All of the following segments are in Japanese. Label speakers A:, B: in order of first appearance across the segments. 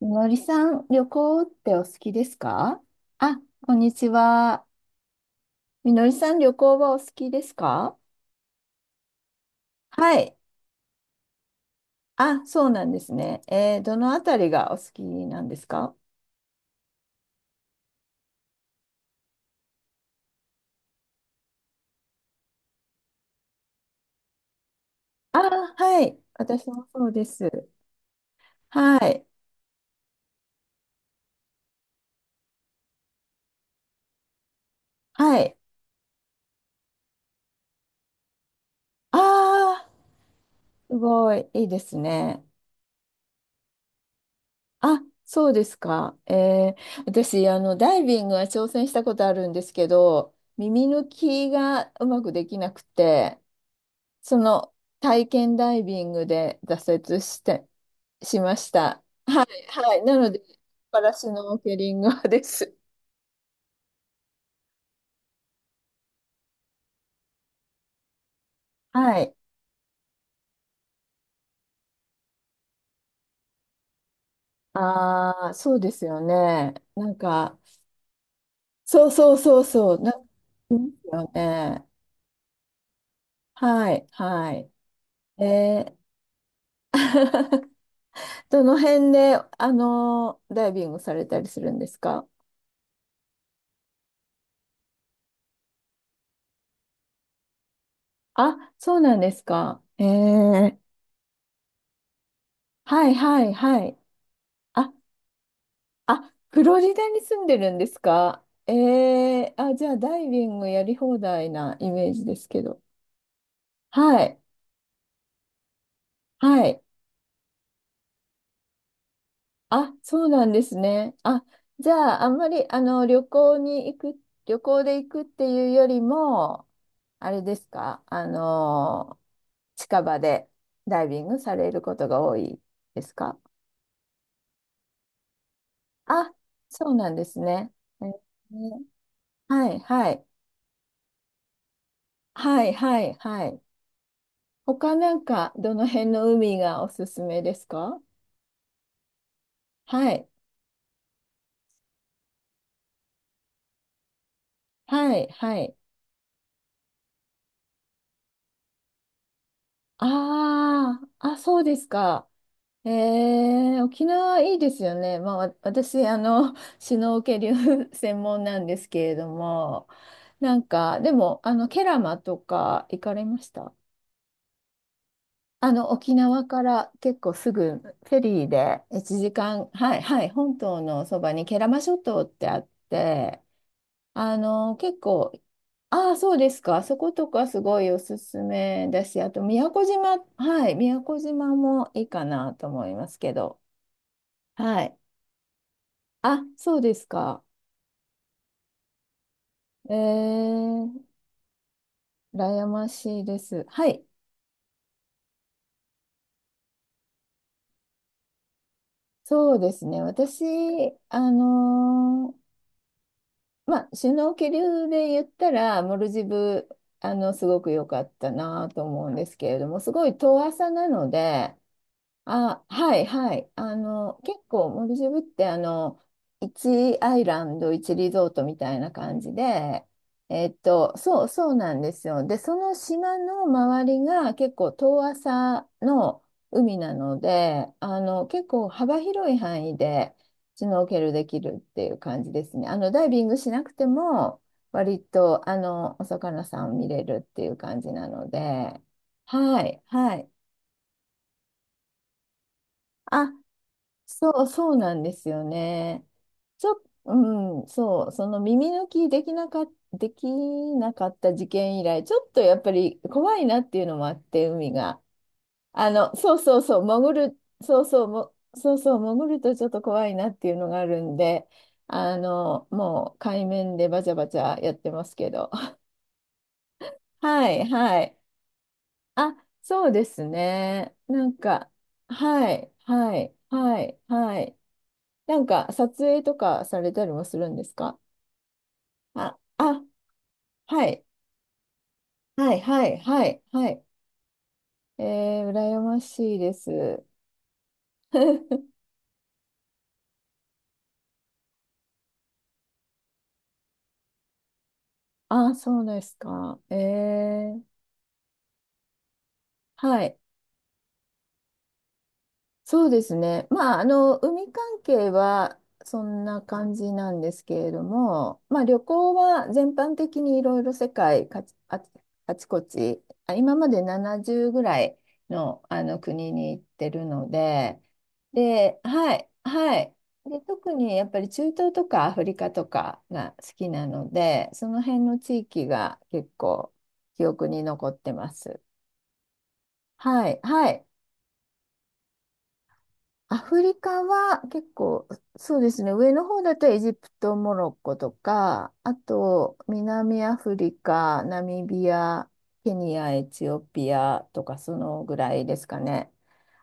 A: みのりさん、旅行ってお好きですか？あ、こんにちは。みのりさん、旅行はお好きですか？はい。あ、そうなんですね。どのあたりがお好きなんですか？あ、はい。私もそうです。はい。はい。ああ、すごい。いいですね。あ、そうですか。私、ダイビングは挑戦したことあるんですけど、耳抜きがうまくできなくて、その体験ダイビングで挫折して、しました。はい。なので、パラシュノーケリングはです。はい。ああ、そうですよね。なんか、そうそうそうそう、なんかいますよね。はい、はい。えー どの辺で、ダイビングされたりするんですか？あ、そうなんですか。はい、はい、はい。あ、あ、フロリダに住んでるんですか？あ、じゃあダイビングやり放題なイメージですけど。はい、はい。あ、そうなんですね。あ、じゃああんまりあの旅行に行く、旅行で行くっていうよりも、あれですか？近場でダイビングされることが多いですか？あ、そうなんですね。えーはい、はい、はい、はい、はい。他なんか、どの辺の海がおすすめですか？はい。はい。はい。ああ、あ、そうですか。え沖縄いいですよね。まあ、私、シュノーケリング 専門なんですけれども、でも、ケラマとか行かれました？沖縄から結構すぐフェリーで1時間、はい、はい、本島のそばにケラマ諸島ってあって、結構、ああ、そうですか。そことかすごいおすすめだし、あと宮古島、はい、宮古島もいいかなと思いますけど。はい。あ、そうですか。えー、羨ましいです。はい。そうですね。私、あのーまあ、首脳気流で言ったら、モルジブ、すごく良かったなと思うんですけれども、すごい遠浅なので、あ、はいはい。結構モルジブって1アイランド、1リゾートみたいな感じで、そうそうなんですよ。で、その島の周りが結構遠浅の海なので、結構幅広い範囲でシュノーケルできるっていう感じですね。ダイビングしなくても、割とお魚さん見れるっていう感じなので、はいはい。あそう、そうなんですよね。うん、そう、その耳抜きできなかった事件以来、ちょっとやっぱり怖いなっていうのもあって、海が。そうそうそう、潜る、そうそう、も、そうそう、潜るとちょっと怖いなっていうのがあるんで、もう海面でバチャバチャやってますけど。はい、はい。あ、そうですね。なんか、はい、はい、はい、はい。なんか撮影とかされたりもするんですか？あ、はい、はい、はい、はい、はい。え羨ましいです。あ、そうですか。はい。そうですね。まあ、海関係はそんな感じなんですけれども、まあ、旅行は全般的にいろいろ世界かちあ、あちこち、あ、今まで70ぐらいの、あの国に行ってるので、で、はい、はい。で、特にやっぱり中東とかアフリカとかが好きなので、その辺の地域が結構記憶に残ってます。はい、はい。アフリカは結構、そうですね、上の方だとエジプト、モロッコとか、あと南アフリカ、ナミビア、ケニア、エチオピアとかそのぐらいですかね。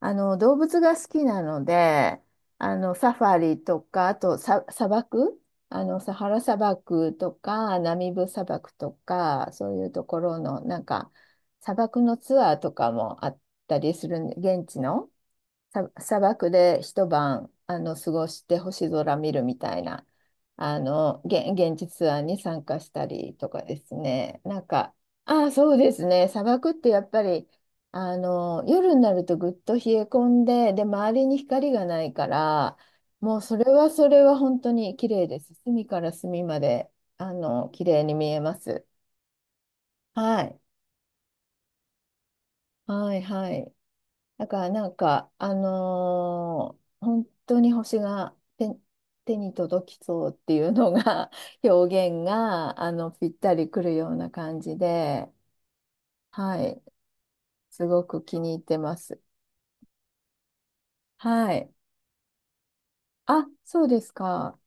A: 動物が好きなので、サファリとか、あと砂漠、サハラ砂漠とか、ナミブ砂漠とか、そういうところの、なんか、砂漠のツアーとかもあったりするんで、現地の。砂漠で一晩過ごして星空見るみたいな現地ツアーに参加したりとかですね。なんか、ああ、そうですね。砂漠ってやっぱり夜になるとぐっと冷え込んで、で、周りに光がないから、もうそれはそれは本当に綺麗です。隅から隅まで綺麗に見えます。はい。はい、はい。だからなんか、本当に星が手に届きそうっていうのが 表現がぴったりくるような感じで、はい、すごく気に入ってます。はい。あ、そうですか。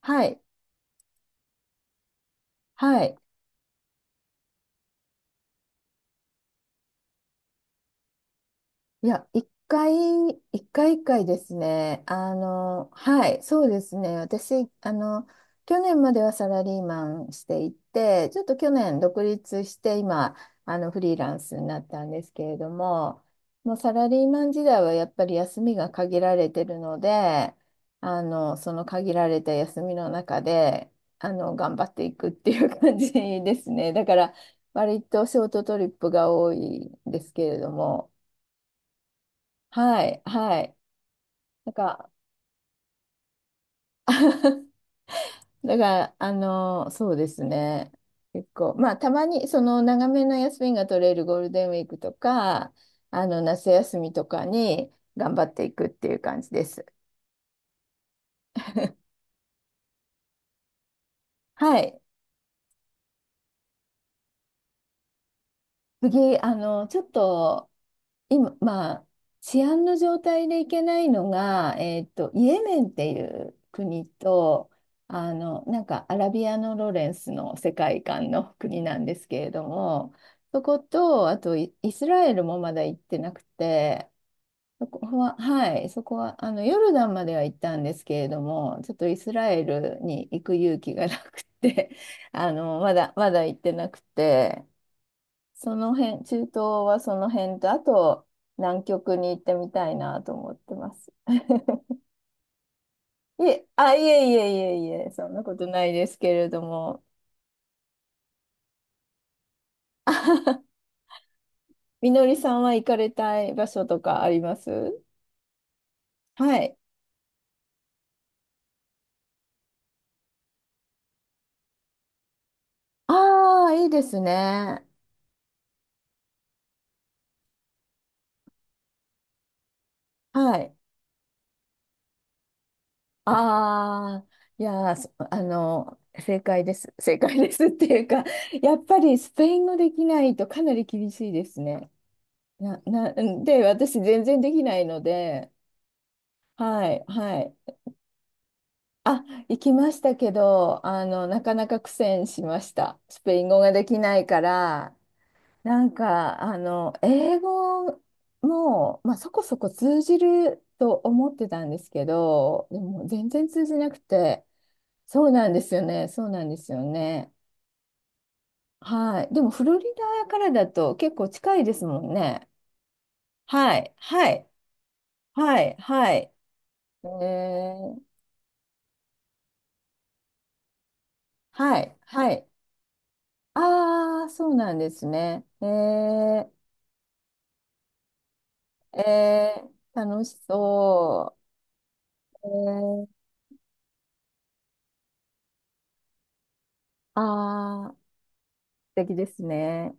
A: はい。はい。いや、一回一回ですね。はい、そうですね。私、去年まではサラリーマンしていて、ちょっと去年独立して、今、フリーランスになったんですけれども、もうサラリーマン時代はやっぱり休みが限られてるので、その限られた休みの中で、頑張っていくっていう感じですね。だから、割とショートトリップが多いんですけれども、はい、はい。なんか、だから、そうですね。結構、まあ、たまに、その、長めの休みが取れるゴールデンウィークとか、夏休みとかに頑張っていくっていう感じです。はい。次、ちょっと、今、まあ、治安の状態でいけないのが、イエメンっていう国と、なんかアラビアのロレンスの世界観の国なんですけれども、そこと、あとイスラエルもまだ行ってなくて、そこは、はい、そこは、ヨルダンまでは行ったんですけれども、ちょっとイスラエルに行く勇気がなくて、まだ行ってなくて、その辺、中東はその辺と、あと南極に行ってみたいなと思ってます。いえ、あ、いえいえいえいえ、そんなことないですけれども。みのりさんは行かれたい場所とかあります？はい。ああ、いいですね。はい。ああ、いやー、そあの、正解です。正解ですっていうか、やっぱりスペイン語できないとかなり厳しいですね。で、私全然できないので、はい、はい。あ、行きましたけど、なかなか苦戦しました。スペイン語ができないから、なんか、英語も、まあ、そこそこ通じると思ってたんですけど、でも全然通じなくて、そうなんですよね、そうなんですよね。はい。でも、フロリダからだと結構近いですもんね。はい、はい、はい、はい。えー、はい、はい。ああ、そうなんですね。え楽しそう。ああ、素敵ですね。